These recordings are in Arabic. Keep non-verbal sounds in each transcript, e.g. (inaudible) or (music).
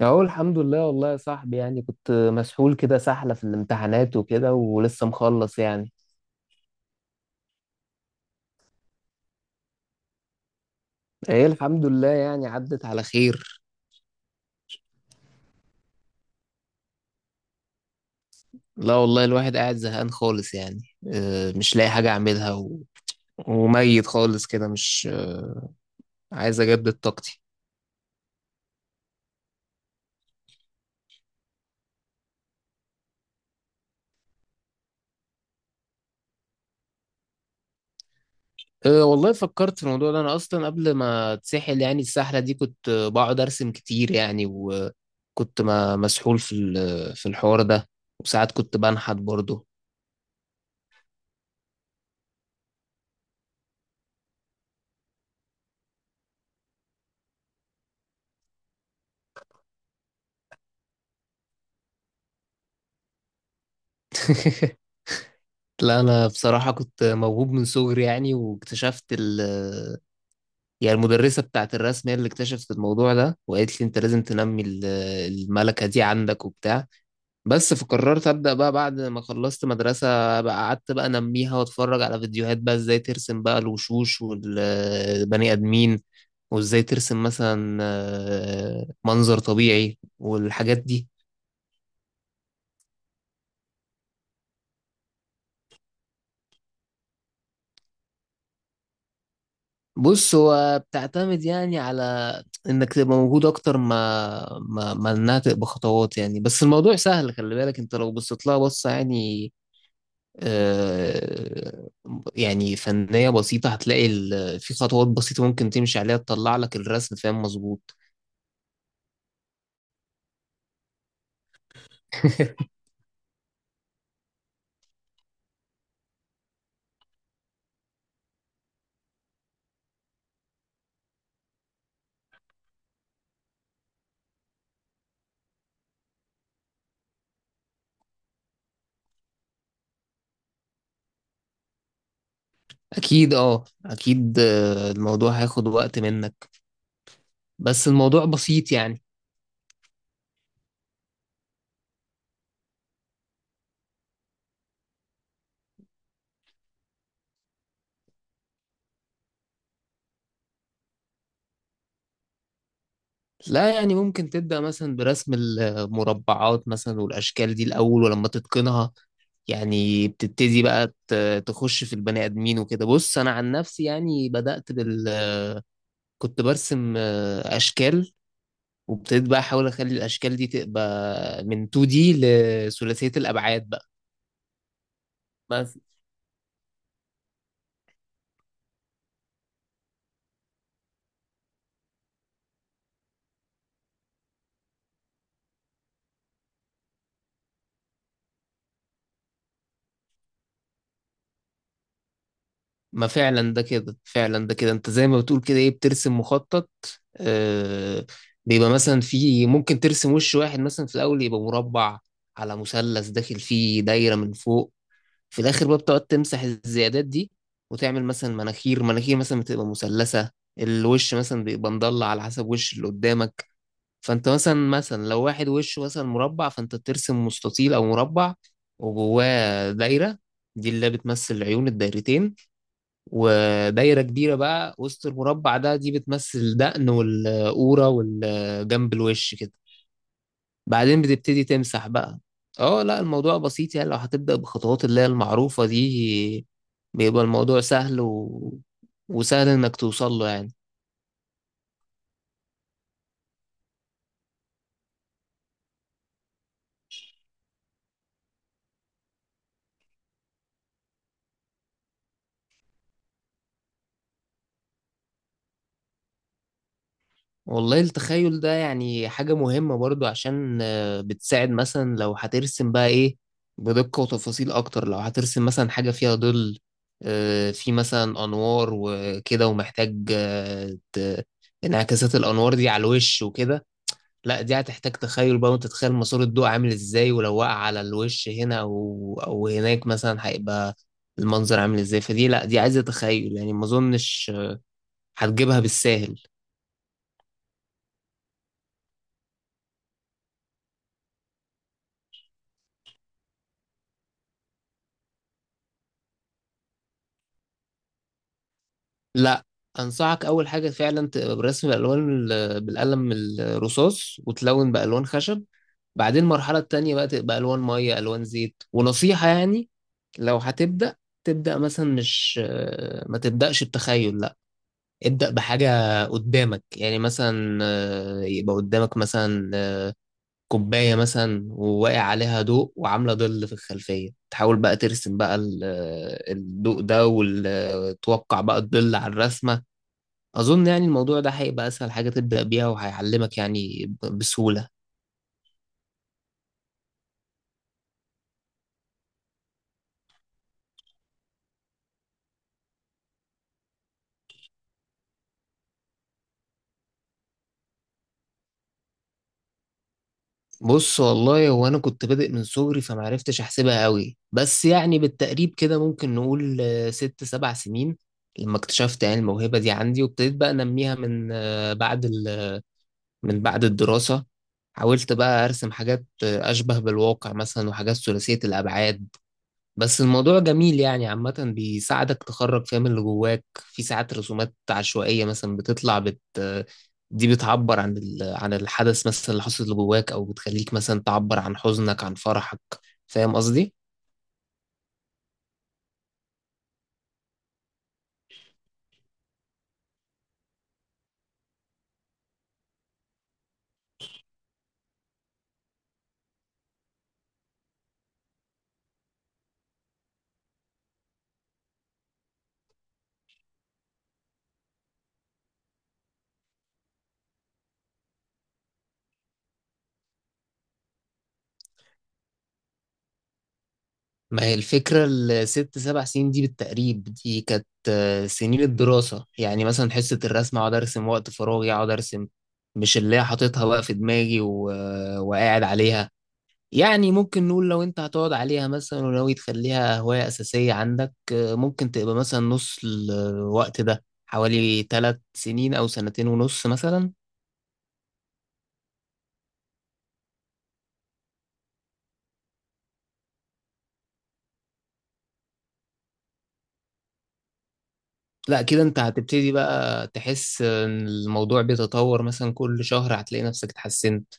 اهو الحمد لله، والله يا صاحبي، يعني كنت مسحول كده سحلة في الامتحانات وكده ولسه مخلص يعني. ايه، الحمد لله يعني عدت على خير. لا والله الواحد قاعد زهقان خالص يعني. مش لاقي حاجة اعملها وميت خالص كده مش، عايز اجدد طاقتي. أه والله، فكرت في الموضوع ده انا اصلا قبل ما اتسحل، يعني السحلة دي كنت بقعد ارسم كتير يعني، وكنت ما مسحول في في الحوار ده. وساعات كنت بنحت برضه. (laughs) لا انا بصراحه كنت موهوب من صغري يعني، واكتشفت يعني المدرسه بتاعت الرسم هي اللي اكتشفت الموضوع ده، وقالت لي انت لازم تنمي الملكه دي عندك وبتاع. بس فقررت ابدا بقى بعد ما خلصت مدرسه، بقى قعدت بقى انميها، واتفرج على فيديوهات بقى ازاي ترسم بقى الوشوش والبني ادمين، وازاي ترسم مثلا منظر طبيعي والحاجات دي. بص، هو بتعتمد يعني على انك تبقى موجود اكتر ما انها تبقى خطوات يعني، بس الموضوع سهل. خلي بالك انت لو بصيت لها بصة يعني آه يعني فنية بسيطة، هتلاقي في خطوات بسيطة ممكن تمشي عليها تطلع لك الرسم، فاهم؟ مظبوط. (laughs) اكيد، اه، اكيد. الموضوع هياخد وقت منك، بس الموضوع بسيط يعني. لا يعني ممكن تبدأ مثلا برسم المربعات مثلا والأشكال دي الأول، ولما تتقنها يعني بتبتدي بقى تخش في البني آدمين وكده. بص أنا عن نفسي يعني، بدأت بال كنت برسم أشكال، وابتديت بقى أحاول أخلي الأشكال دي تبقى من 2D لثلاثية الأبعاد بقى. بس ما فعلا ده كده، انت زي ما بتقول كده، ايه، بترسم مخطط. آه بيبقى مثلا، في ممكن ترسم وش واحد مثلا، في الاول يبقى مربع على مثلث داخل فيه دايره من فوق. في الاخر بقى بتقعد تمسح الزيادات دي، وتعمل مثلا مناخير، مناخير مثلا بتبقى مثلثه. الوش مثلا بيبقى مضلع على حسب وش اللي قدامك. فانت مثلا، لو واحد وشه مثلا مربع، فانت بترسم مستطيل او مربع، وجواه دايره، دي اللي بتمثل عيون الدايرتين. ودايرة كبيرة بقى وسط المربع ده، دي بتمثل الدقن والقورة والجنب الوش كده. بعدين بتبتدي تمسح بقى. اه لا، الموضوع بسيط يعني، لو هتبدأ بخطوات اللي هي المعروفة دي، بيبقى الموضوع سهل وسهل انك توصل له يعني. والله، التخيل ده يعني حاجة مهمة برضو، عشان بتساعد مثلا لو هترسم بقى ايه بدقة وتفاصيل اكتر. لو هترسم مثلا حاجة فيها ظل، في مثلا انوار وكده، ومحتاج انعكاسات الانوار دي على الوش وكده. لا دي هتحتاج تخيل بقى، وانت تتخيل مسار الضوء عامل ازاي، ولو وقع على الوش هنا او هناك مثلا، هيبقى المنظر عامل ازاي. فدي، لا، دي عايزة تخيل يعني، ما اظنش هتجيبها بالساهل. لا انصحك اول حاجه فعلا برسم الالوان بالقلم الرصاص، وتلون بالوان خشب. بعدين المرحله التانية بقى تبقى الوان ميه، الوان زيت. ونصيحه يعني، لو هتبدا، تبدا مثلا مش ما تبداش بتخيل، لا. ابدا بحاجه قدامك يعني، مثلا يبقى قدامك مثلا كوبايه مثلا وواقع عليها ضوء وعامله ظل في الخلفيه، تحاول بقى ترسم بقى الضوء ده، وتوقع بقى الظل على الرسمه. أظن يعني الموضوع ده هيبقى أسهل حاجة تبدأ بيها، وهيعلمك يعني بسهولة. بص، والله هو أنا كنت بادئ من صغري، فمعرفتش أحسبها قوي، بس يعني بالتقريب كده ممكن نقول ست سبع سنين، لما اكتشفت يعني الموهبة دي عندي، وابتديت بقى أنميها من من بعد الدراسة. حاولت بقى أرسم حاجات أشبه بالواقع مثلا، وحاجات ثلاثية الأبعاد. بس الموضوع جميل يعني عامة، بيساعدك تخرج فاهم اللي جواك. في ساعات رسومات عشوائية مثلا بتطلع دي بتعبر عن عن الحدث مثلا اللي حصل، اللي جواك، أو بتخليك مثلا تعبر عن حزنك، عن فرحك. فاهم قصدي؟ ما هي الفكرة، الست سبع سنين دي بالتقريب دي كانت سنين الدراسة، يعني مثلا حصة الرسم أقعد أرسم، وقت فراغي أقعد أرسم، مش اللي هي حاططها بقى في دماغي وقاعد عليها. يعني ممكن نقول لو انت هتقعد عليها مثلا، وناوي تخليها هواية أساسية عندك، ممكن تبقى مثلا نص الوقت ده، حوالي ثلاث سنين أو سنتين ونص مثلا. لا كده انت هتبتدي بقى تحس ان الموضوع بيتطور، مثلا كل شهر هتلاقي نفسك اتحسنت.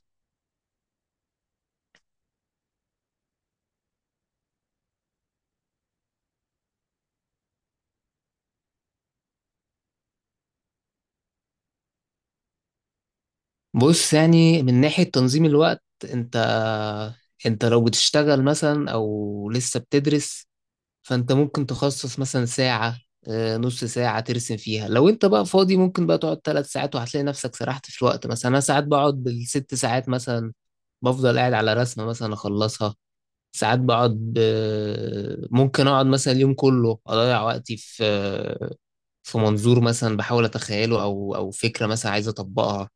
بص يعني، من ناحية تنظيم الوقت، انت انت لو بتشتغل مثلا او لسه بتدرس، فانت ممكن تخصص مثلا ساعة، نص ساعة ترسم فيها. لو انت بقى فاضي ممكن بقى تقعد ثلاث ساعات، وهتلاقي نفسك سرحت في الوقت. مثلا انا ساعات بقعد بالست ساعات مثلا، بفضل قاعد على رسمة مثلا اخلصها. ساعات بقعد ممكن اقعد مثلا اليوم كله اضيع وقتي في منظور مثلا بحاول اتخيله، او فكرة مثلا عايز اطبقها.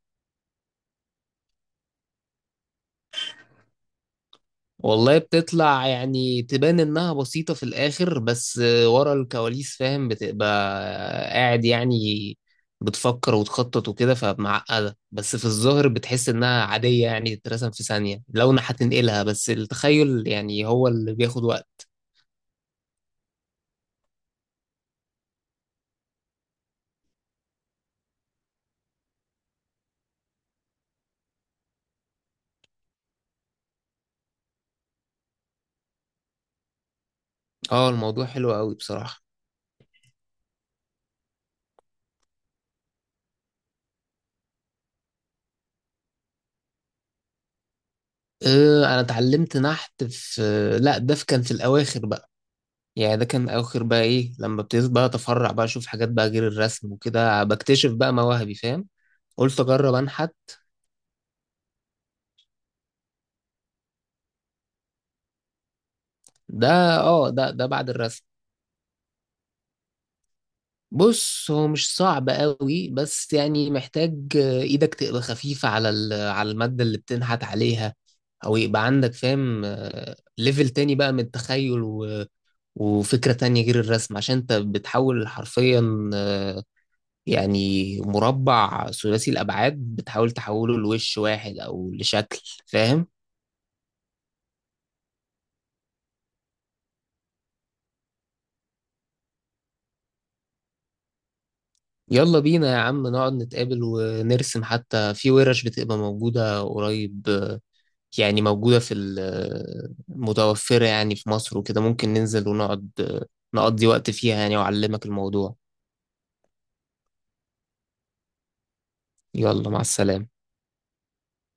والله، بتطلع يعني تبان انها بسيطة في الاخر، بس ورا الكواليس، فاهم؟ بتبقى قاعد يعني، بتفكر وتخطط وكده، فمعقدة. بس في الظاهر بتحس انها عادية يعني، تترسم في ثانية لو انا هتنقلها، بس التخيل يعني هو اللي بياخد وقت. اه، الموضوع حلو قوي بصراحة. أه، انا اتعلمت نحت في، لا ده كان في الاواخر بقى. يعني ده كان اخر بقى ايه، لما ابتديت بقى اتفرع بقى اشوف حاجات بقى غير الرسم وكده، بكتشف بقى مواهبي، فاهم؟ قلت اجرب انحت. ده اه ده ده بعد الرسم. بص، هو مش صعب قوي، بس يعني محتاج ايدك تبقى خفيفة على على المادة اللي بتنحت عليها، او يبقى عندك فاهم ليفل تاني بقى من التخيل، وفكرة تانية غير الرسم، عشان انت بتحول حرفيا يعني مربع ثلاثي الأبعاد، بتحاول تحوله لوش واحد أو لشكل، فاهم؟ يلا بينا يا عم، نقعد نتقابل ونرسم. حتى في ورش بتبقى موجودة قريب يعني، موجودة في متوفرة يعني في مصر وكده، ممكن ننزل ونقعد، نقضي وقت فيها يعني، وأعلمك الموضوع. يلا، مع السلامة.